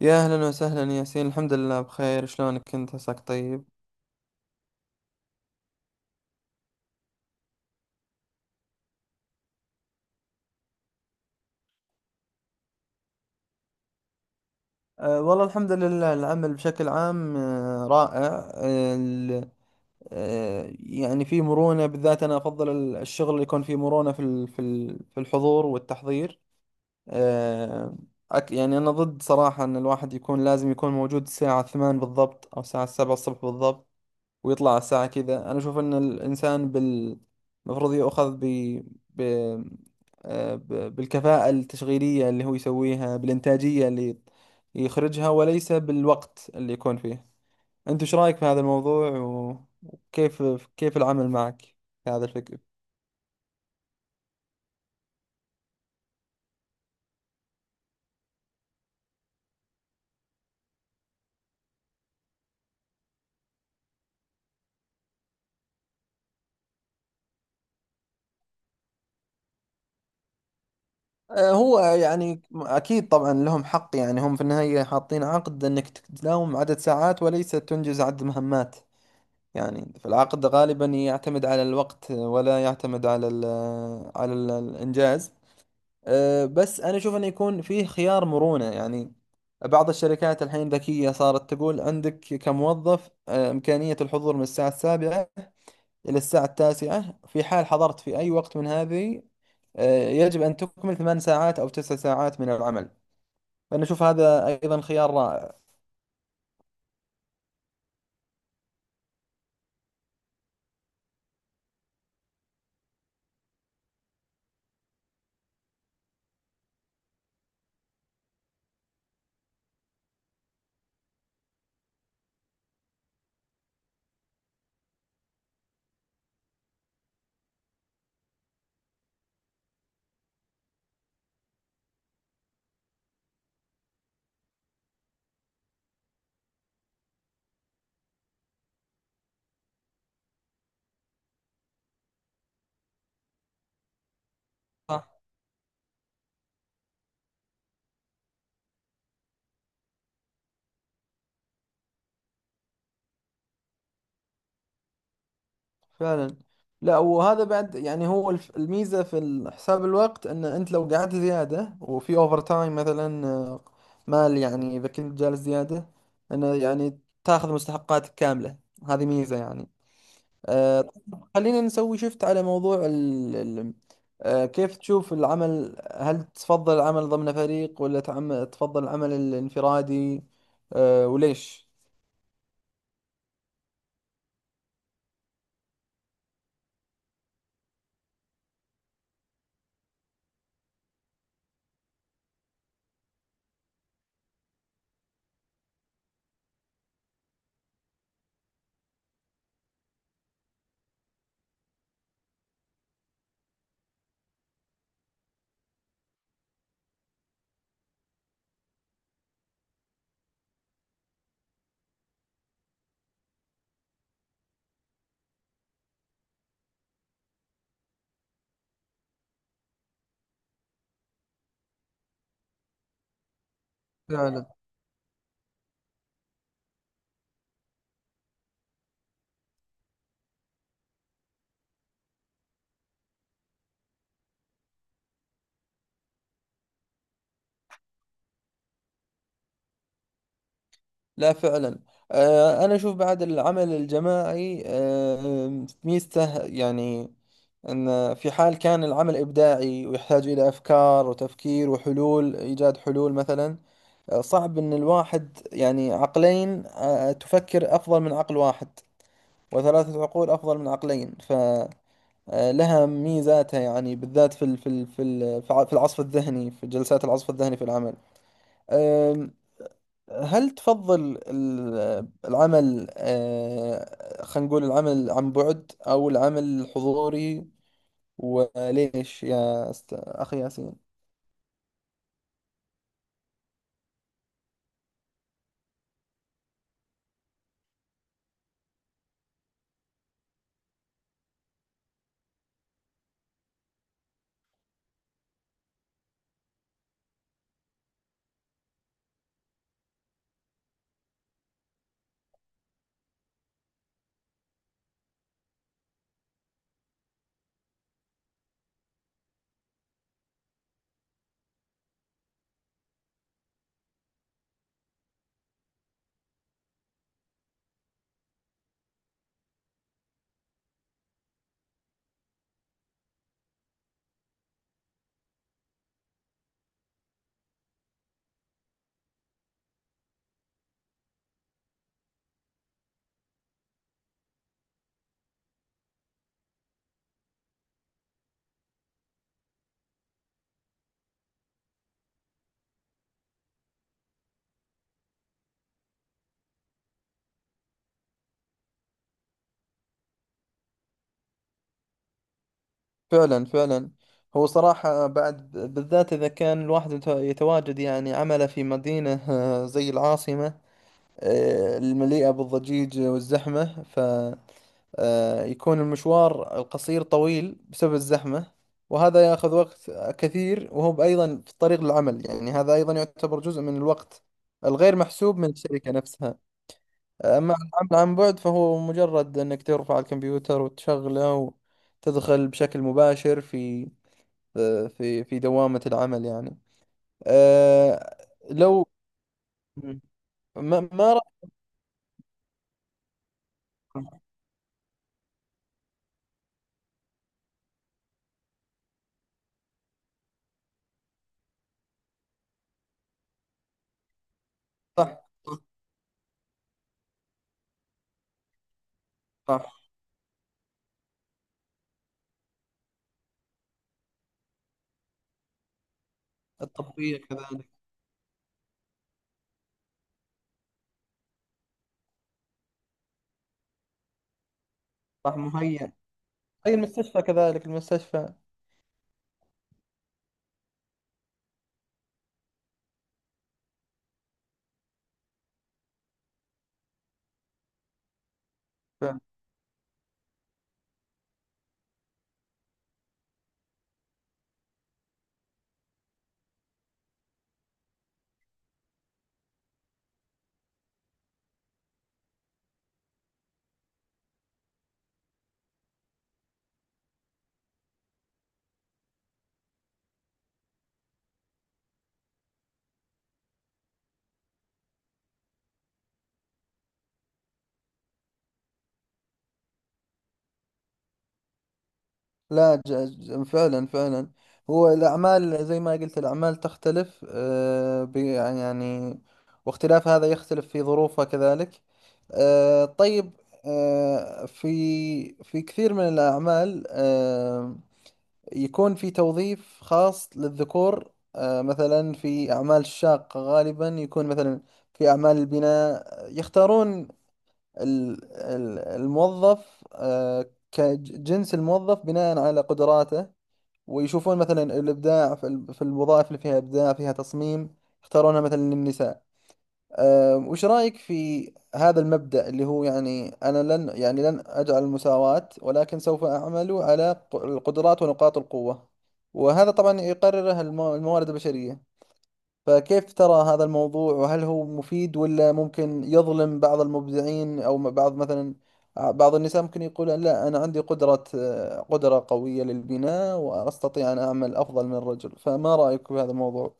يا أهلا وسهلا ياسين، الحمد لله بخير. شلونك أنت، عساك طيب؟ والله الحمد لله، العمل بشكل عام رائع. يعني في مرونة، بالذات أنا أفضل الشغل اللي يكون فيه مرونة في في الحضور والتحضير. أه يعني أنا ضد صراحة أن الواحد يكون لازم يكون موجود الساعة 8 بالضبط أو الساعة 7 الصبح بالضبط ويطلع على الساعة كذا. أنا أشوف إن الإنسان المفروض يؤخذ ب... آه، ب... بالكفاءة التشغيلية اللي هو يسويها، بالإنتاجية اللي يخرجها، وليس بالوقت اللي يكون فيه. أنت إيش رأيك في هذا الموضوع وكيف العمل معك في هذا الفكر؟ هو يعني أكيد طبعا لهم حق، يعني هم في النهاية حاطين عقد أنك تداوم عدد ساعات وليس تنجز عدد مهمات. يعني في العقد غالبا يعتمد على الوقت ولا يعتمد على ال الإنجاز بس أنا أشوف أنه يكون فيه خيار مرونة. يعني بعض الشركات الحين ذكية، صارت تقول عندك كموظف إمكانية الحضور من الساعة السابعة إلى الساعة التاسعة، في حال حضرت في أي وقت من هذه يجب أن تكمل ثمان ساعات أو تسع ساعات من العمل. فأنا أشوف هذا أيضا خيار رائع. فعلا. لا، وهذا بعد يعني هو الميزة في حساب الوقت، ان انت لو قعدت زيادة وفي اوفر تايم مثلا، مال يعني اذا كنت جالس زيادة انه يعني تاخذ مستحقاتك كاملة. هذه ميزة يعني. آه، خلينا نسوي شفت على موضوع ال ال آه، كيف تشوف العمل. هل تفضل العمل ضمن فريق ولا تفضل العمل الانفرادي؟ وليش؟ فعلا. لا فعلا. أنا أشوف بعد العمل الجماعي ميزته يعني أن في حال كان العمل إبداعي ويحتاج إلى أفكار وتفكير وحلول، إيجاد حلول مثلا. صعب أن الواحد يعني، عقلين تفكر أفضل من عقل واحد، وثلاثة عقول أفضل من عقلين. فلها ميزاتها يعني، بالذات في في العصف الذهني، في جلسات العصف الذهني في العمل. هل تفضل العمل، خلينا نقول، العمل عن بعد أو العمل الحضوري؟ وليش يا أخي ياسين؟ فعلا فعلا. هو صراحة بعد بالذات إذا كان الواحد يتواجد يعني عمله في مدينة زي العاصمة المليئة بالضجيج والزحمة، يكون المشوار القصير طويل بسبب الزحمة، وهذا يأخذ وقت كثير. وهو أيضا في الطريق للعمل، يعني هذا أيضا يعتبر جزء من الوقت الغير محسوب من الشركة نفسها. أما العمل عن بعد فهو مجرد أنك ترفع الكمبيوتر وتشغله وتدخل بشكل مباشر في في دوامة العمل يعني. أه لو ما رأيك؟ صح، صح. صح، التطبيق كذلك. صح، مهيأ. أي، المستشفى كذلك، المستشفى. فعلا. لا ج- ج- فعلا فعلا. هو الأعمال زي ما قلت، الأعمال تختلف يعني واختلاف هذا يختلف في ظروفها كذلك. طيب، آه، في في كثير من الأعمال يكون في توظيف خاص للذكور. مثلا في أعمال الشاقة غالبا يكون مثلا في أعمال البناء، يختارون الموظف كجنس الموظف بناء على قدراته. ويشوفون مثلا الإبداع في في الوظائف اللي فيها إبداع، فيها تصميم، يختارونها مثلا للنساء. وش رأيك في هذا المبدأ اللي هو يعني أنا لن يعني لن أجعل المساواة، ولكن سوف أعمل على القدرات ونقاط القوة، وهذا طبعا يقرره الموارد البشرية. فكيف ترى هذا الموضوع؟ وهل هو مفيد ولا ممكن يظلم بعض المبدعين أو بعض مثلا بعض النساء، ممكن يقول لا، أنا عندي قدرة قدرة قوية للبناء وأستطيع أن أعمل أفضل من الرجل؟ فما رأيك في هذا الموضوع؟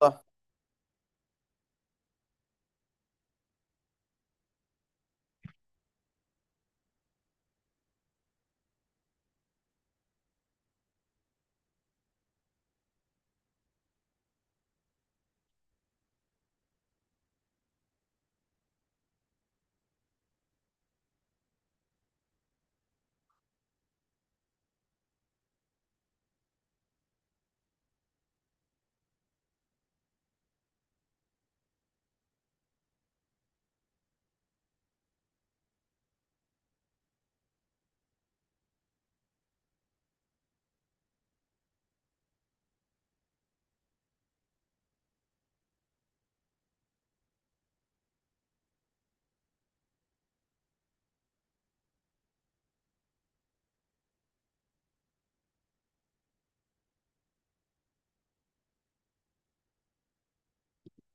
صح.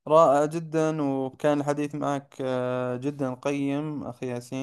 رائع جدا، وكان الحديث معك جدا قيم، أخي ياسين.